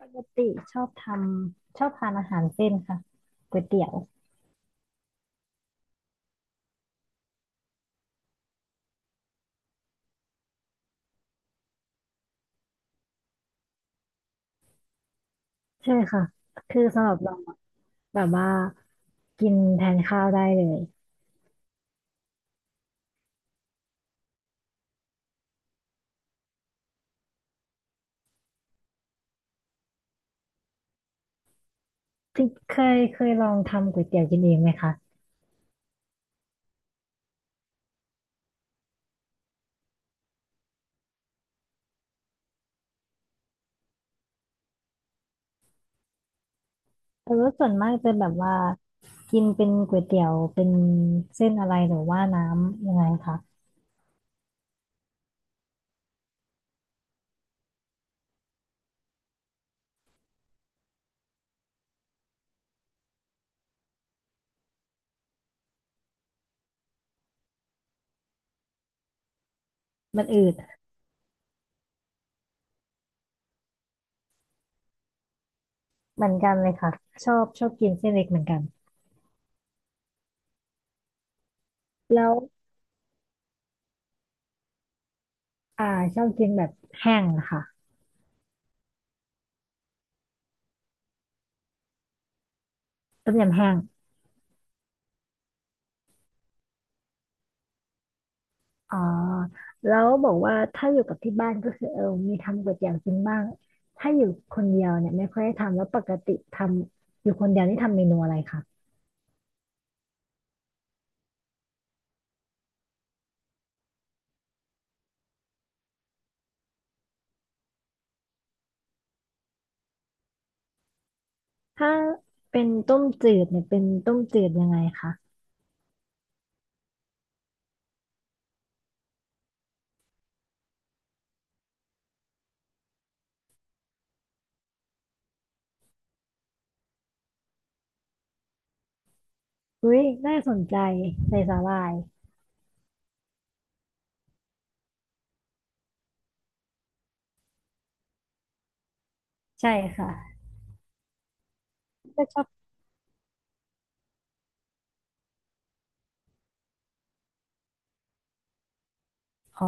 ปกติชอบทำชอบทานอาหารเส้นค่ะก๋วยเตี๋ยวใช่ค่ะคือสำหรับเราอะแบบว่ากินแทนข้าวได้เลยที่เคยลองทำก๋วยเตี๋ยวกินเองไหมคะแต่ว่าส่วนมากจะแบบว่ากินเป็นก๋วยเตี๋ยวเป็นเส้นอะไรหรือว่าน้ำยังไงคะมันอืดเหมือนกันเลยค่ะชอบกินเส้นเล็กเหมือนกันแล้วอ่าชอบกินแบบแห้งอะค่ะต้มยำแห้ง อ๋อแล้วบอกว่าถ้าอยู่กับที่บ้านก็คือเออมีทำก๋วยเตี๋ยวกินบ้างถ้าอยู่คนเดียวเนี่ยไม่ค่อยได้ทำแล้วปกติทำอยู่คนเดียวนี่ทำเมนูอะไรคะถ้าเป็นต้มจืดเนี่ยเป็นต้มจืดยังไงคะอุ้ยน่าสนใจใส่สาหร่ายใช่ค่ะก็ชอบอ๋อ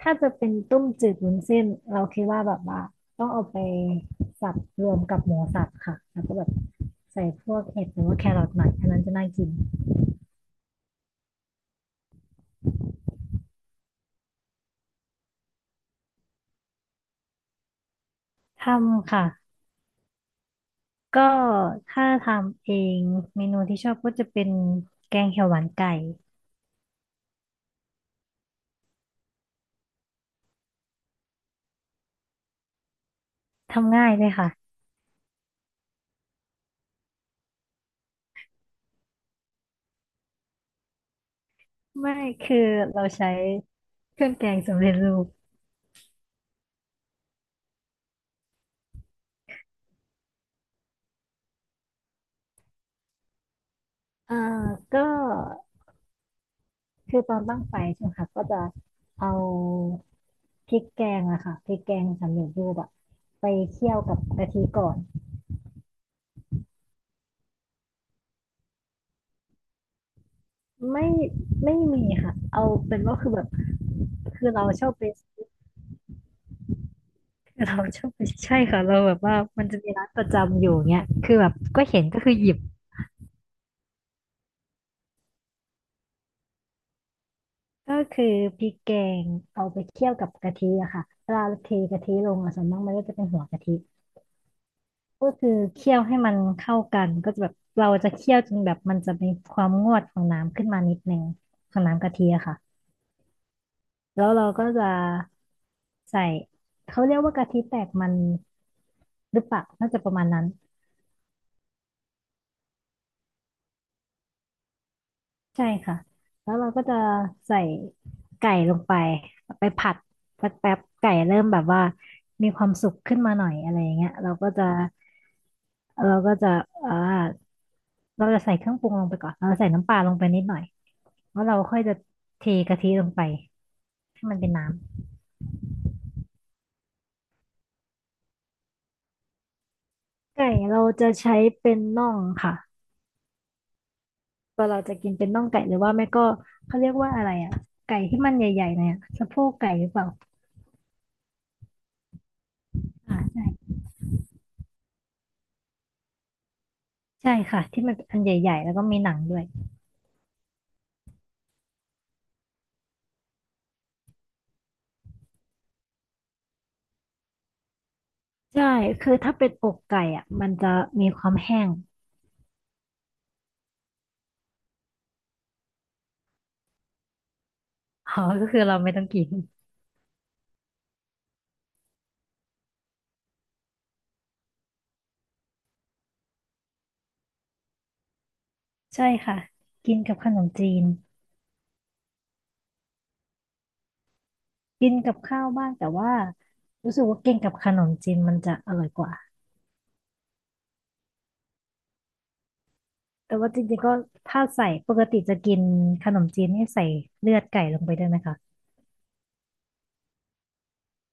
ถ้าจะเป็นต้มจืดวุ้นเส้นเราคิดว่าแบบว่าต้องเอาไปสับรวมกับหมูสับค่ะแล้วก็แบบใส่พวกเห็ดหรือว่าแครอทหน่อยอันนั้นจะน่ากินทำค่ะ ก็ถ้าทำเองเมนูที่ชอบก็จะเป็นแกงเขียวหวานไก่ทำง่ายเลยค่ะไม่คือเราใช้เครื่องแกงสำเร็จรูปอ่าก็คือตอนตั้งไฟใช่ไหมคะก็จะเอาพริกแกงอะค่ะพริกแกงสำเร็จรูปอะไปเคี่ยวกับกะทิก่อนไม่มีค่ะเอาเป็นว่าคือแบบคือเราชอบไปคือเราชอบไปใช่ค่ะเราแบบว่ามันจะมีร้านประจำอยู่เนี้ยคือแบบก็เห็นก็คือหยิบ ก็คือพริกแกงเอาไปเคี่ยวกับกะทิอะค่ะเวลาเทกะทิลงอะส่วนมากมันก็จะเป็นหัวกะทิก็คือเคี่ยวให้มันเข้ากันก็จะแบบเราจะเคี่ยวจนแบบมันจะมีความงวดของน้ำขึ้นมานิดนึงของน้ำกะทิอะค่ะแล้วเราก็จะใส่เขาเรียกว่ากะทิแตกมันหรือเปล่าน่าจะประมาณนั้น ใช่ค่ะ แล้วเราก็จะใส่ไก่ลงไป ไปผัดสักแป๊บไก่เริ่มแบบว่ามีความสุกขึ้นมาหน่อยอะไรอย่างเงี้ยเราก็จะเอ่าเราจะใส่เครื่องปรุงลงไปก่อนเราใส่น้ำปลาลงไปนิดหน่อยแล้วเราค่อยจะเทกะทิลงไปให้มันเป็นน้ำไก่เราจะใช้เป็นน่องค่ะตัเราจะกินเป็นน่องไก่หรือว่าไม่ก็เขาเรียกว่าอะไรอ่ะไก่ที่มันใหญ่ๆเนี่อยอะสะโพกไก่หรือเปล่าอ่าใช่ใช่ค่ะที่มันอันใหญ่ๆแล้วก็มีหนังด้วย ใช่คือถ้าเป็นอกไก่อ่ะมันจะมีความแห้งอ๋อก็คือเราไม่ต้องกินใช่ค่ะ กินกับขนมจีนกินกับข้าวบ้างแต่ว่ารู้สึกว่ากินกับขนมจีนมันจะอร่อยกว่าแต่ว่าจริงๆก็ถ้าใส่ปกติจะกินขนมจีนนี่ใส่เลือดไก่ลงไปด้วยไหมคะ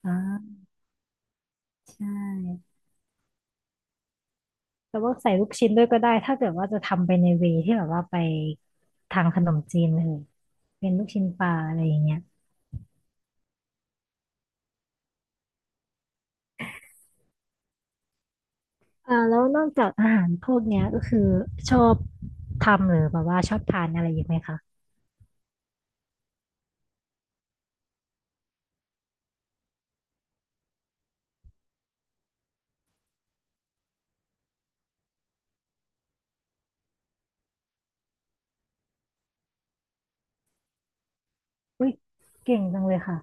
อ่าใช่ แต่ว่าใส่ลูกชิ้นด้วยก็ได้ ถ้าเกิดว่าจะทำไปในเวที่แบบว่าไปทางขนมจีนเลยเป็นลูกชิ้นปลาอะไรอย่างเงี้ย แล้วนอกจากอาหารพวกเนี้ยก็คือชอบทำหรือแบบว่าชอบทานอะไรอีงไหมคะอุ้ยเก่งจังเลยค่ะ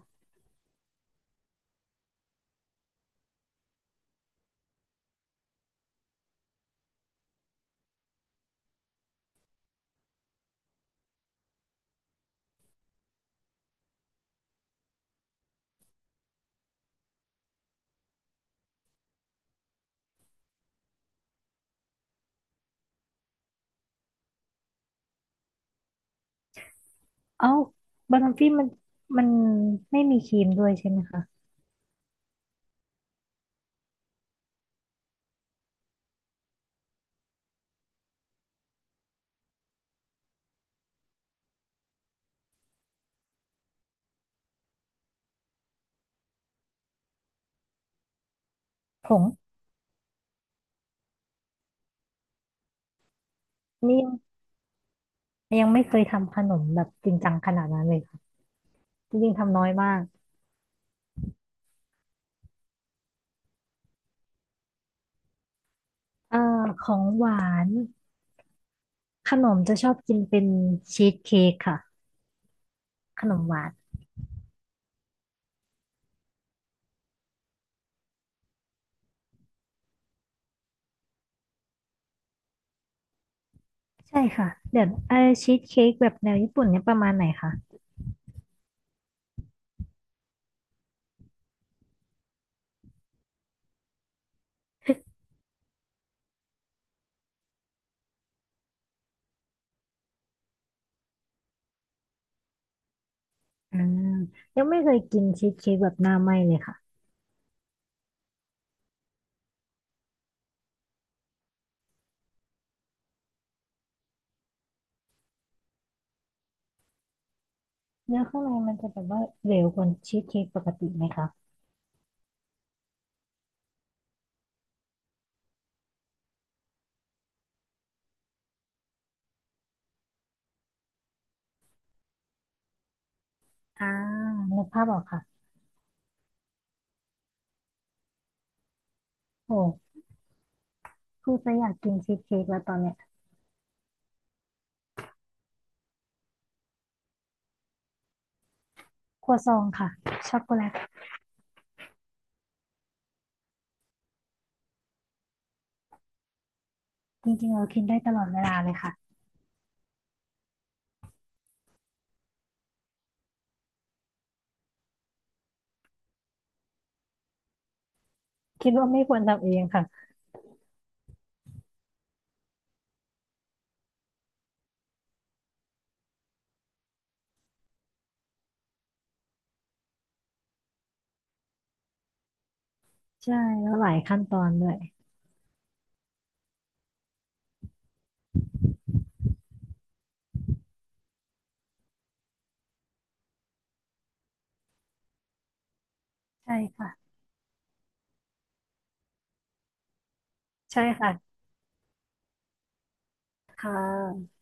เอ้าบาร์ฟี่มันไม่มีครีมด้วยใช่ไหมคะผงนี่ยังไม่เคยทำขนมแบบจริงจังขนาดนั้นเลยค่ะจริงๆทำน้อยมากเอ่อของหวานขนมจะชอบกินเป็นชีสเค้กค่ะขนมหวานใช่ค่ะเดี๋ยวชีสเค้กแบบแนวญี่ปุ่นเนี่ยประมาณไหนคะอ่ายังไม่เคยกินชีสเค้กแบบหน้าไหม้เลยค่ะ เนื้อข้างในมันจะแบบว่าเหลวกว่าชีสเค้กปกติไหมคะอ่านึกภาพออกค่ะโอ้คูอจะอยากกินชีสเค้กแล้วตอนเนี้ยครัวซองค่ะช็อกโกแลตจริงๆเรากินได้ตลอดเวลาเลยค่ะคิดว่าไม่ควรทำเองค่ะใช่แล้วหลายขั้นตอนด้วยใช่ค่ะใช่ค่ะค่ะ